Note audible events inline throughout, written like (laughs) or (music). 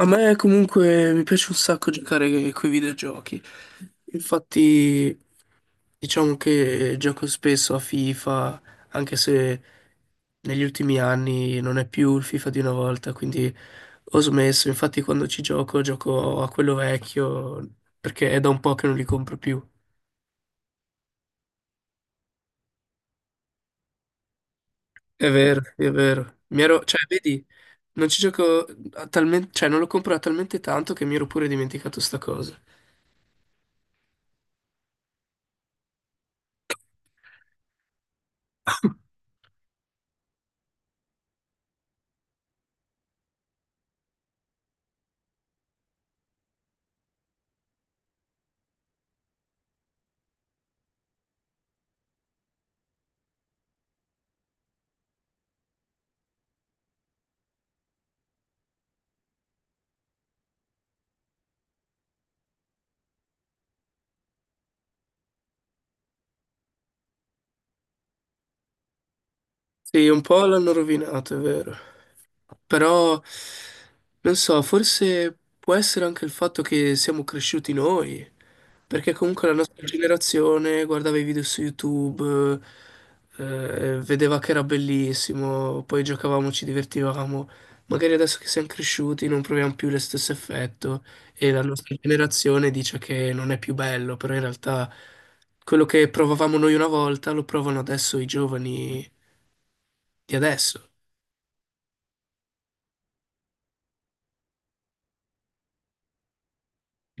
A me comunque mi piace un sacco giocare coi videogiochi. Infatti, diciamo che gioco spesso a FIFA, anche se negli ultimi anni non è più il FIFA di una volta, quindi ho smesso. Infatti, quando ci gioco, gioco a quello vecchio, perché è da un po' che non li compro più. È vero, sì, è vero. Mi ero, cioè, vedi, non ci gioco a talmente, cioè, non lo compro da talmente tanto che mi ero pure dimenticato sta cosa. Sì, un po' l'hanno rovinato, è vero. Però, non so, forse può essere anche il fatto che siamo cresciuti noi, perché comunque la nostra generazione guardava i video su YouTube, vedeva che era bellissimo, poi giocavamo, ci divertivamo. Magari adesso che siamo cresciuti non proviamo più lo stesso effetto e la nostra generazione dice che non è più bello, però in realtà quello che provavamo noi una volta lo provano adesso i giovani di adesso.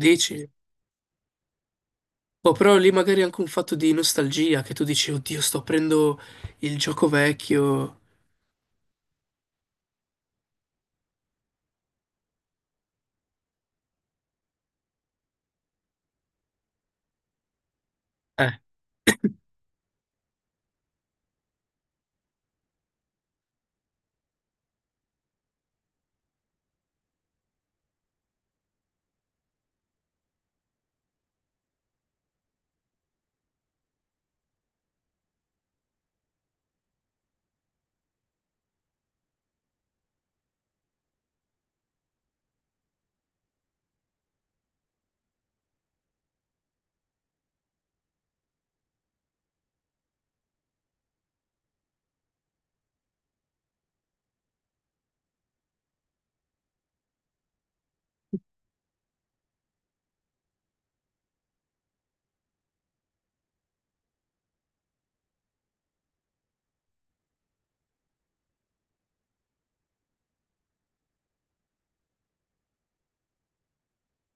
Dici? Boh, però lì magari è anche un fatto di nostalgia, che tu dici, oddio, sto aprendo il gioco vecchio. Eh,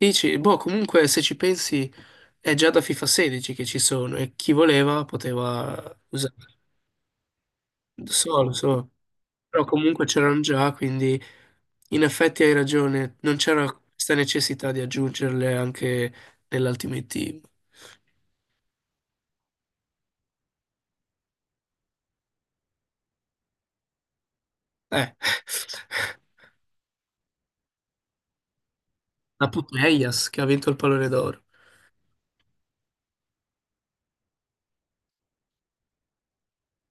dici, boh, comunque se ci pensi è già da FIFA 16 che ci sono e chi voleva poteva usare. Lo so, però comunque c'erano già, quindi in effetti hai ragione, non c'era questa necessità di aggiungerle anche nell'Ultimate Team. Eh, (laughs) la Putellas che ha vinto il pallone d'oro.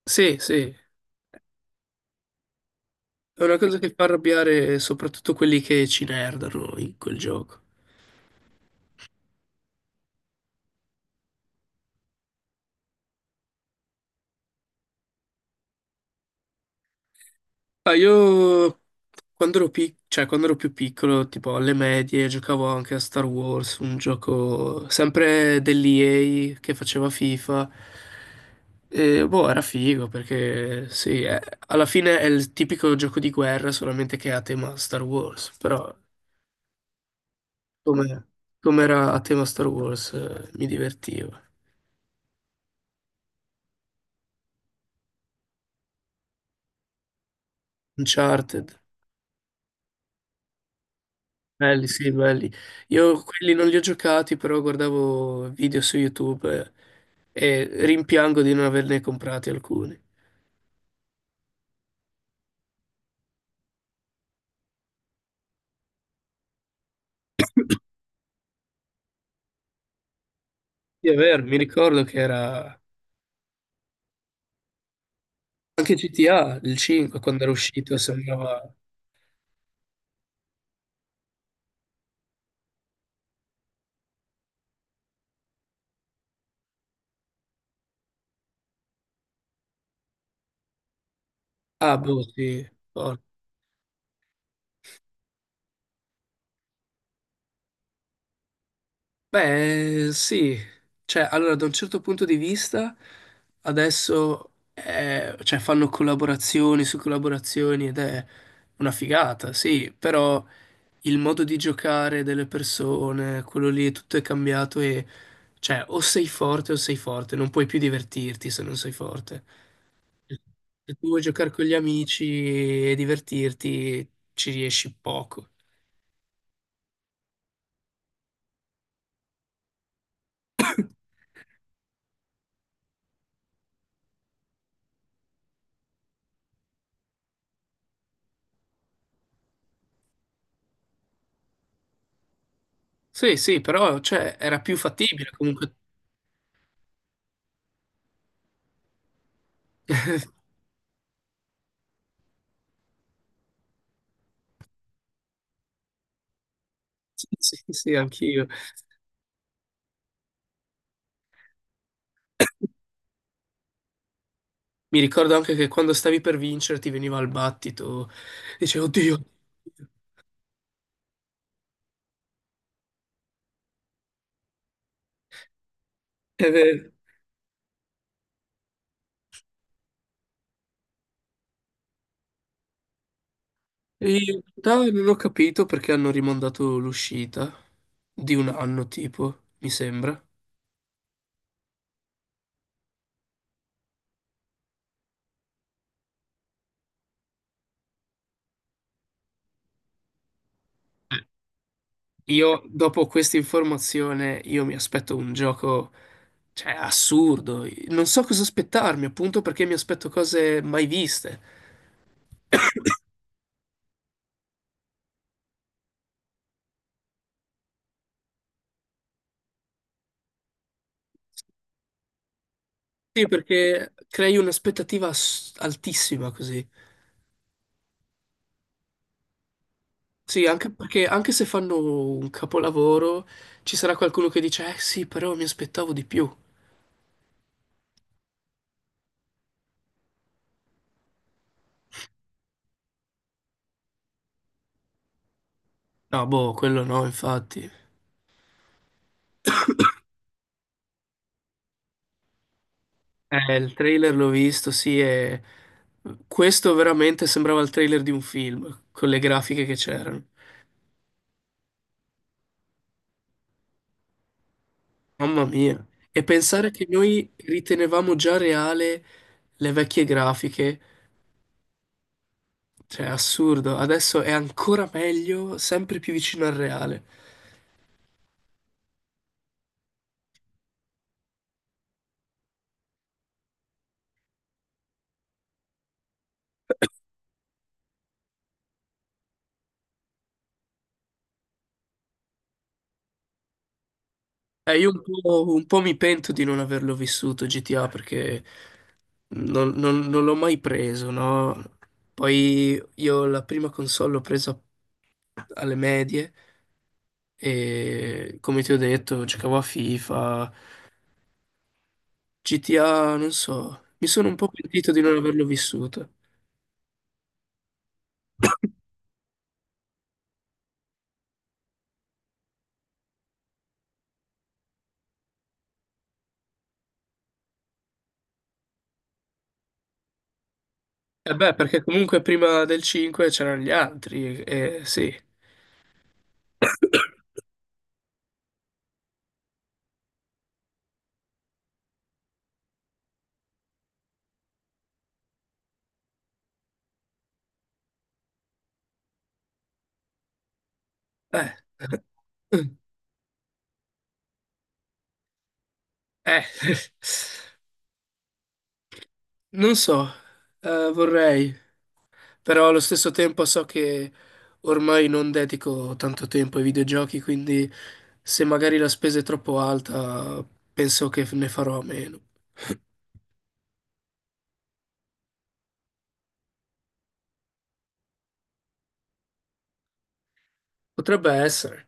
Sì, sì, è una cosa che fa arrabbiare soprattutto quelli che ci nerdano in quel gioco. Ah, io quando ero, cioè, quando ero più piccolo, tipo alle medie, giocavo anche a Star Wars, un gioco sempre dell'EA che faceva FIFA. E, boh, era figo perché sì, alla fine è il tipico gioco di guerra, solamente che è a tema Star Wars. Però come, come era a tema Star Wars, mi divertiva. Uncharted. Belli, sì, belli. Io quelli non li ho giocati, però guardavo video su YouTube eh, e rimpiango di non averne comprati alcuni. Sì, è vero, mi ricordo che era anche GTA, il 5, quando era uscito, sembrava. Ah, boh, sì. Oh. Beh, sì. Cioè, allora, da un certo punto di vista, adesso cioè, fanno collaborazioni su collaborazioni ed è una figata, sì, però. Il modo di giocare delle persone, quello lì, tutto è cambiato e cioè o sei forte, non puoi più divertirti se non sei forte. Se tu vuoi giocare con gli amici e divertirti, ci riesci poco. Sì, sì, però cioè, era più fattibile comunque. (laughs) Sì, sì, sì, anch'io. Mi ricordo anche che quando stavi per vincere ti veniva il battito, dicevo, oddio, (laughs) oddio". E in realtà non ho capito perché hanno rimandato l'uscita di un anno, tipo, mi sembra. Io, dopo questa informazione, io mi aspetto un gioco, cioè, assurdo. Non so cosa aspettarmi, appunto perché mi aspetto cose mai viste. Sì, perché crei un'aspettativa altissima così. Sì, anche perché anche se fanno un capolavoro, ci sarà qualcuno che dice, eh sì, però mi aspettavo di più. No, boh, quello no, infatti. Il trailer l'ho visto, sì, e questo veramente sembrava il trailer di un film, con le grafiche che c'erano. Mamma mia. E pensare che noi ritenevamo già reale le vecchie grafiche, cioè assurdo. Adesso è ancora meglio, sempre più vicino al reale. Io un po' mi pento di non averlo vissuto GTA perché non l'ho mai preso, no? Poi io la prima console l'ho presa alle medie e come ti ho detto giocavo a FIFA, GTA, non so, mi sono un po' pentito di non averlo vissuto. E beh, perché comunque prima del 5 c'erano gli altri, e sì, eh, (laughs) eh, (laughs) non so, vorrei, però allo stesso tempo so che ormai non dedico tanto tempo ai videogiochi, quindi se magari la spesa è troppo alta, penso che ne farò a meno. (laughs) Potrebbe essere.